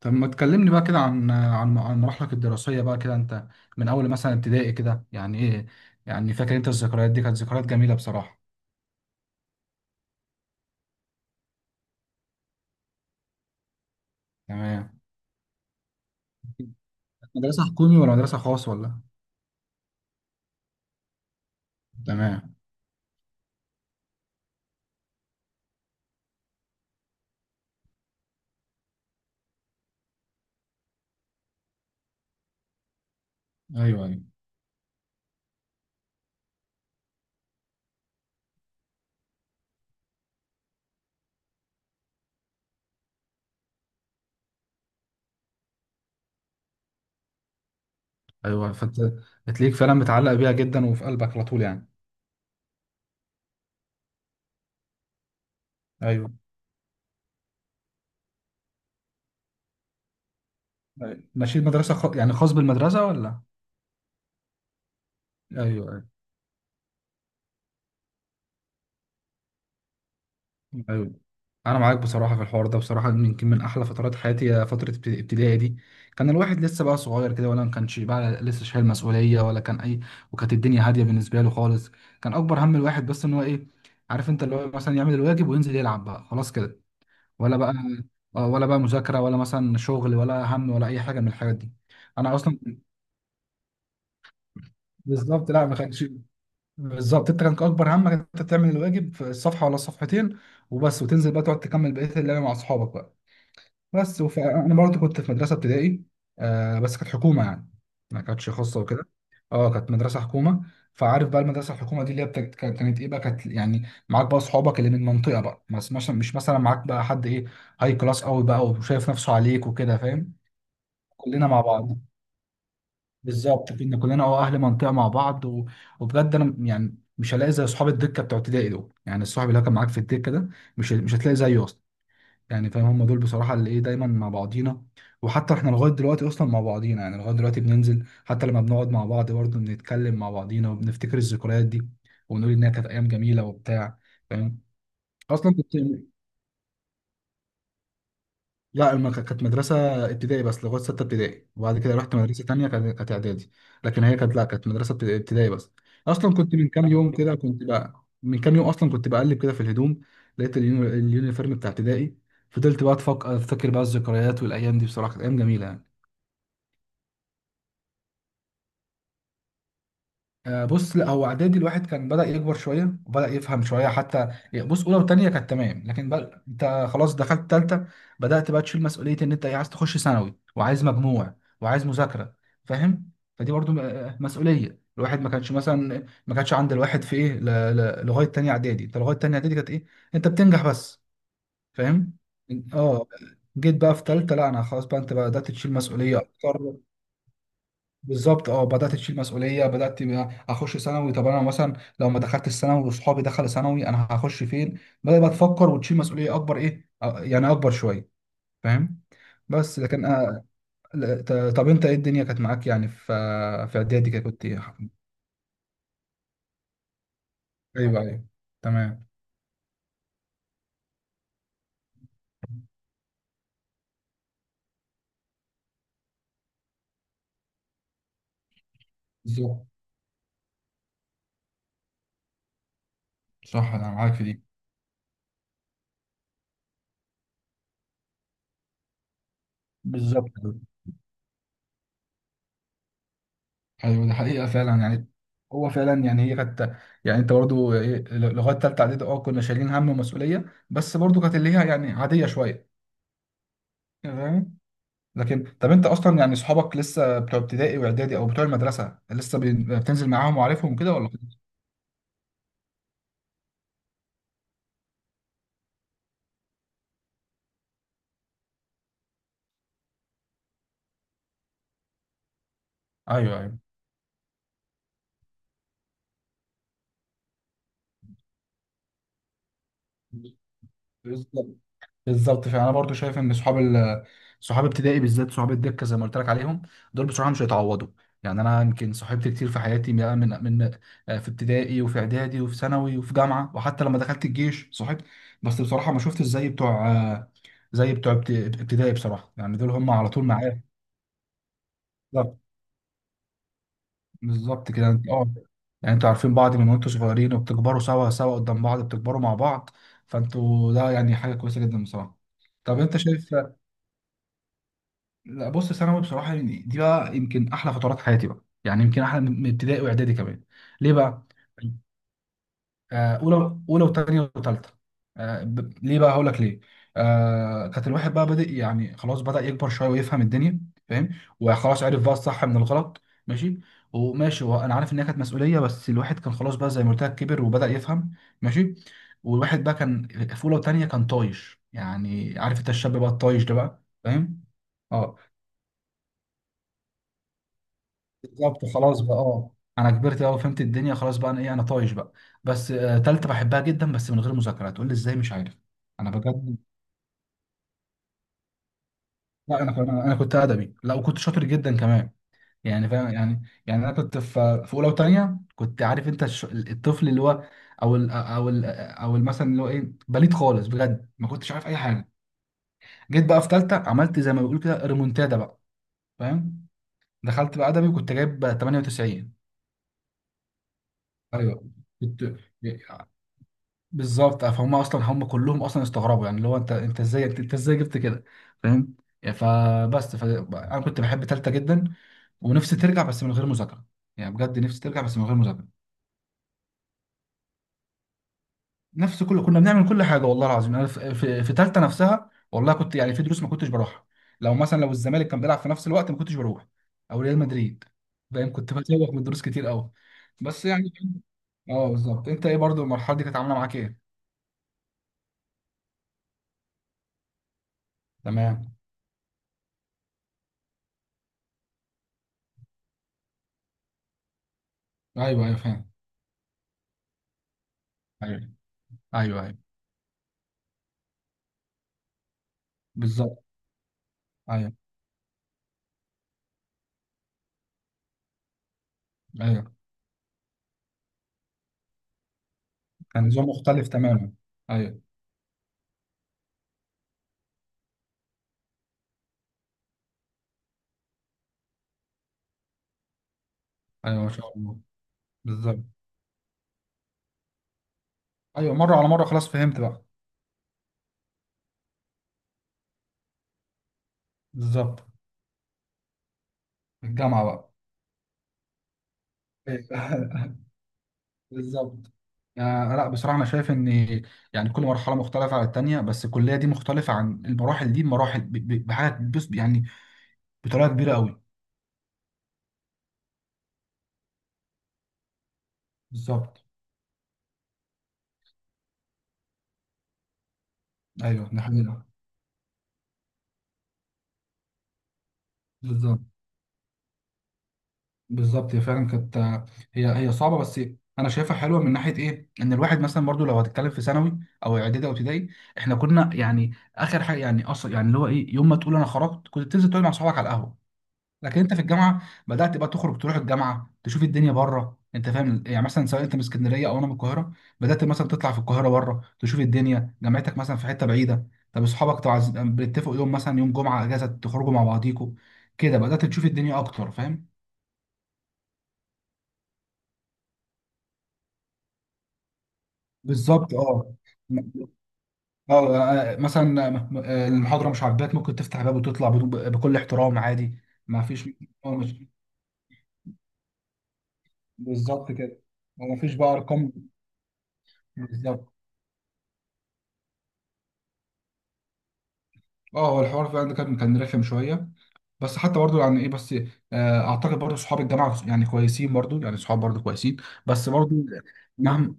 طب ما تكلمني بقى كده عن مراحلك الدراسية بقى كده انت؟ من اول مثلا ابتدائي كده يعني ايه؟ يعني فاكر انت الذكريات دي كانت ذكريات جميلة بصراحة؟ تمام. مدرسة حكومي ولا مدرسة خاص ولا؟ تمام. ايوه ايوه. ايوه فانت تلاقيك فعلا متعلق بيها جدا وفي قلبك على طول يعني؟ ايوه. أيوة. ماشي، يعني خاص بالمدرسة ولا؟ ايوه. ايوه. ايوه انا معاك بصراحه، في الحوار ده بصراحه يمكن من احلى فترات حياتي هي فتره ابتدائي دي. كان الواحد لسه بقى صغير كده، ولا ما كانش بقى لسه شايل مسؤوليه، ولا كان اي. وكانت الدنيا هاديه بالنسبه له خالص. كان اكبر هم الواحد بس ان هو ايه، عارف انت اللي هو مثلا يعمل الواجب وينزل يلعب بقى خلاص كده. ولا بقى، ولا بقى مذاكره، ولا مثلا شغل، ولا هم، ولا اي حاجه من الحاجات دي. انا اصلا بالظبط، لا ما كانش. بالظبط، انت كان اكبر همك انت تعمل الواجب في الصفحه ولا الصفحتين وبس، وتنزل بقى تقعد تكمل بقيه اللعبه مع اصحابك بقى. انا برضه كنت في مدرسه ابتدائي، آه بس كانت حكومه يعني، ما كانتش خاصه وكده. اه كانت مدرسه حكومه. فعارف بقى المدرسه الحكومه دي اللي هي كانت ايه بقى، كانت يعني معاك بقى اصحابك اللي من المنطقه بقى، بس مش مثلا معاك بقى حد ايه، هاي كلاس قوي بقى وشايف نفسه عليك وكده، فاهم؟ كلنا مع بعض، بالظبط كنا كلنا اه اهل منطقه مع بعض. و... وبجد انا يعني مش هلاقي زي اصحاب الدكه بتوع ابتدائي دول، يعني الصاحب اللي هو كان معاك في الدكه ده مش هتلاقي زيه اصلا. يعني فاهم، هم دول بصراحة اللي ايه، دايما مع بعضينا. وحتى احنا لغاية دلوقتي اصلا مع بعضينا، يعني لغاية دلوقتي بننزل، حتى لما بنقعد مع بعض برضه بنتكلم مع بعضينا وبنفتكر الذكريات دي ونقول انها كانت ايام جميلة وبتاع. فاهم؟ اصلا كنت، لا كانت مدرسة ابتدائي بس لغاية ستة ابتدائي، وبعد كده رحت مدرسة تانية كانت إعدادي. لكن هي كانت، لا كانت مدرسة ابتدائي بس. أصلا كنت من كام يوم كده، كنت بقى من كام يوم أصلا كنت بقلب كده في الهدوم، لقيت اليونيفورم بتاع ابتدائي. فضلت بقى أفتكر بقى الذكريات، والأيام دي بصراحة كانت أيام جميلة يعني. آه، بص لا هو اعدادي الواحد كان بدأ يكبر شويه وبدأ يفهم شويه حتى. بص اولى وثانيه كانت تمام، لكن بقى انت خلاص دخلت ثالثه، بدأت بقى تشيل مسؤوليه ان انت إيه، عايز تخش ثانوي وعايز مجموع وعايز مذاكره. فاهم؟ فدي برضو مسؤوليه الواحد ما كانش، مثلا ما كانش عند الواحد في ايه، لغايه ثانيه اعدادي، انت لغايه ثانيه اعدادي كانت ايه، انت بتنجح بس. فاهم؟ اه جيت بقى في ثالثه، لا انا خلاص بقى انت بدأت تشيل مسؤوليه اكتر. بالظبط اه بدات تشيل مسؤوليه، بدات تبقى اخش ثانوي، طب انا مثلا لو ما دخلت الثانوي وصحابي دخلوا ثانوي انا هخش فين. بدات بقى تفكر وتشيل مسؤوليه اكبر، ايه يعني اكبر شويه. فاهم؟ بس لكن آه، لا، طب انت ايه الدنيا كانت معاك يعني، في في اعدادي كده كنت ايه؟ ايوه ايوه. تمام. بالظبط. صح انا معاك في دي. بالظبط ايوه دي حقيقه فعلا يعني. هو فعلا يعني هي كانت، يعني انت برضو ايه لغايه ثالثه اعدادي اه كنا شايلين هم ومسؤوليه، بس برضو كانت اللي هي يعني عاديه شويه. تمام. لكن طب انت اصلا يعني اصحابك لسه بتوع ابتدائي واعدادي او بتوع المدرسه لسه بتنزل معاهم وعارفهم كده ولا؟ ايوه ايوه. بالظبط. فانا برضو شايف ان صحاب ابتدائي بالذات صحاب الدكه زي ما قلت لك عليهم، دول بصراحه مش هيتعوضوا. يعني انا يمكن صاحبت كتير في حياتي بقى من آه، في ابتدائي وفي اعدادي وفي ثانوي وفي جامعه، وحتى لما دخلت الجيش صاحبت. بس بصراحه ما شفتش زي بتوع آه، زي بتوع ابتدائي بصراحه، يعني دول هم على طول معايا. بالظبط كده انت اه. يعني انتوا عارفين بعض من وانتوا صغيرين وبتكبروا سوا سوا قدام بعض، بتكبروا مع بعض. فانتوا ده يعني حاجه كويسه جدا بصراحه. طب انت شايف، لا بص ثانوي بصراحه يعني دي بقى يمكن احلى فترات حياتي بقى، يعني يمكن احلى من ابتدائي واعدادي كمان. ليه بقى؟ آه، اولى وثانيه وثالثه. آه، ليه بقى هقول لك ليه. آه كانت الواحد بقى بادئ يعني خلاص بدأ يكبر شويه ويفهم الدنيا. فاهم؟ وخلاص عرف بقى الصح من الغلط، ماشي. وماشي هو انا عارف انها كانت مسؤوليه، بس الواحد كان خلاص بقى زي ما قلت لك كبر وبدأ يفهم. ماشي. والواحد بقى كان في اولى وثانيه كان طايش، يعني عارف انت الشاب بقى الطايش ده بقى، فاهم؟ اه بالظبط خلاص بقى، اه انا كبرت بقى وفهمت الدنيا، خلاص بقى انا ايه انا طايش بقى. بس آه، تالتة بحبها جدا بس من غير مذاكرة، تقول لي ازاي مش عارف. انا بجد، لا انا كنت، ادبي، لا وكنت شاطر جدا كمان. يعني فاهم، يعني انا كنت في في اولى وثانيه كنت عارف انت الطفل اللي هو، او مثلا اللي هو ايه بليد خالص بجد ما كنتش عارف اي حاجه. جيت بقى في ثالثه عملت زي ما بيقول كده ريمونتادا بقى، فاهم؟ دخلت بقى ادبي وكنت جايب 98. ايوه. كنت بالظبط آه، فهم اصلا هم كلهم اصلا استغربوا يعني اللي هو انت انت ازاي، انت انت ازاي جبت كده. فاهم؟ انا كنت بحب تالتة جدا ونفسي ترجع بس من غير مذاكره. يعني بجد نفسي ترجع بس من غير مذاكره. نفس كل، كنا بنعمل كل حاجه والله العظيم. انا في تالتة نفسها والله كنت يعني في دروس ما كنتش بروحها. لو مثلا لو الزمالك كان بيلعب في نفس الوقت ما كنتش بروح، او ريال مدريد. فاهم؟ كنت بتسوق من دروس كتير قوي. بس يعني اه بالظبط، انت ايه برضو المرحله دي كانت عامله معاك ايه؟ تمام. ايوه ايوه. فاهم. ايوه ايوه. ايوه بالظبط. ايوه ايوه. كان نظام مختلف تماما. ايوه. ايوه ما شاء الله. بالظبط. ايوه مره على مره خلاص فهمت بقى. بالظبط. الجامعه بقى. أيوة. بالظبط. آه لا بصراحه انا شايف ان، يعني كل مرحله مختلفه عن التانيه، بس الكليه دي مختلفه عن المراحل دي بمراحل، بحاجه بس يعني بطريقه كبيره قوي. بالظبط. ايوه ده حقيقة. بالظبط. هي فعلا كانت، هي صعبه، بس انا شايفها حلوه من ناحيه ايه، ان الواحد مثلا برضو لو هتتكلم في ثانوي او اعدادي او ابتدائي، احنا كنا يعني اخر حاجه يعني اصلا، يعني اللي هو ايه يوم ما تقول انا خرجت كنت بتنزل تقعد مع اصحابك على القهوه. لكن انت في الجامعه بدات بقى تخرج تروح الجامعه تشوف الدنيا بره، انت فاهم يعني مثلا سواء انت من اسكندريه او انا من القاهره، بدات مثلا تطلع في القاهره بره تشوف الدنيا، جامعتك مثلا في حته بعيده، طب اصحابك بتتفقوا يوم مثلا يوم جمعه اجازه تخرجوا مع بعضيكوا. كده بدات تشوف الدنيا اكتر، فاهم؟ بالظبط اه. م- اه. آه، مثلا آه، المحاضره مش عاجباك ممكن تفتح باب وتطلع بدون، بكل احترام عادي. ما فيش اه مش. بالظبط كده. وما فيش بقى ارقام. بالظبط. اه هو الحوار فعلا ده كان رخم شويه، بس حتى برضه يعني ايه بس آه، اعتقد برضه صحاب الجامعه يعني كويسين، برضه يعني صحاب برضه كويسين. بس برضه مهما،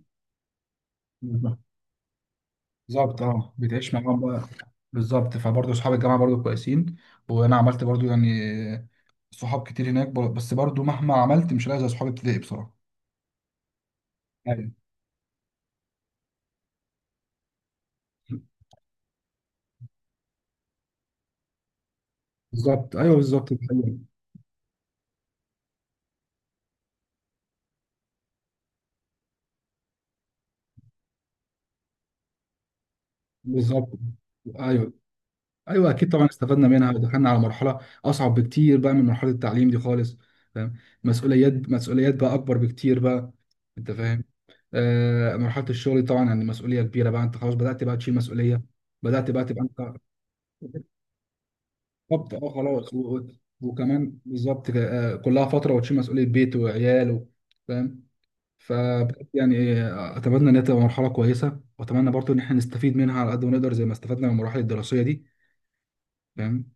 بالظبط اه بتعيش معاهم بقى. بالظبط فبرضه صحاب الجامعه برضه كويسين، وانا عملت برضه يعني صحاب كتير هناك بس برضو مهما عملت مش هلاقي زي صحاب ابتدائي بصراحه. ايوه. بالظبط ايوه بالظبط، دي حقيقة. بالظبط. ايوه. ايوه اكيد طبعا استفدنا منها، ودخلنا على مرحله اصعب بكتير بقى من مرحله التعليم دي خالص. فاهم؟ مسؤوليات بقى اكبر بكتير بقى، انت فاهم. آه مرحله الشغل دي طبعا يعني مسؤوليه كبيره بقى، انت خلاص بدات بقى تشيل مسؤوليه، بدات بقى تبقى انت. بالظبط اه خلاص، و- و- وكمان بالظبط كده، آه كلها فتره وتشيل مسؤوليه بيت وعيال. و- فاهم؟ ف يعني إيه، اتمنى ان هي تبقى مرحله كويسه، واتمنى برضو ان احنا نستفيد منها على قد ما نقدر زي ما استفدنا من المراحل الدراسيه دي. فاهم؟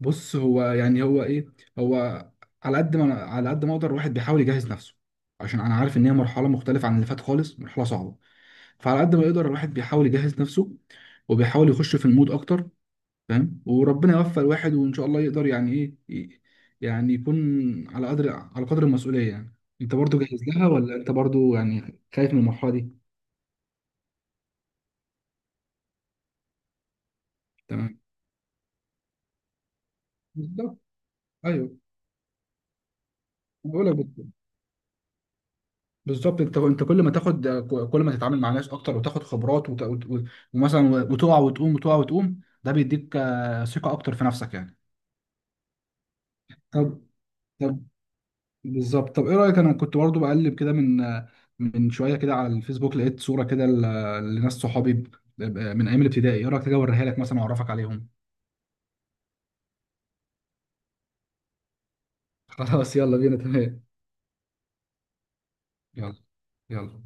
بص هو يعني هو ايه، هو على قد ما اقدر الواحد بيحاول يجهز نفسه، عشان انا عارف ان هي مرحله مختلفه عن اللي فات خالص، مرحله صعبه. فعلى قد ما يقدر الواحد بيحاول يجهز نفسه وبيحاول يخش في المود اكتر. فاهم؟ وربنا يوفق الواحد، وان شاء الله يقدر يعني ايه يعني يكون على قدر المسؤوليه يعني. انت برضو جاهز لها ولا انت برضو يعني خايف من المرحله دي؟ تمام. بالظبط. ايوه. أنا بقول لك بت- بالظبط انت، كل ما تاخد، كل ما تتعامل مع ناس اكتر وتاخد خبرات وت... وت... وت- ومثلا وتقع وتقوم وتقع وتقوم، ده بيديك آه، ثقة اكتر في نفسك يعني. طب، طب بالظبط، طب ايه رأيك انا كنت برضو بقلب كده من آه، من شوية كده على الفيسبوك، لقيت صورة كده لناس صحابي من ايام الابتدائي، ايه رأيك تجي اوريها لك مثلا واعرفك عليهم؟ خلاص يلا بينا، تمام يلا، يلا.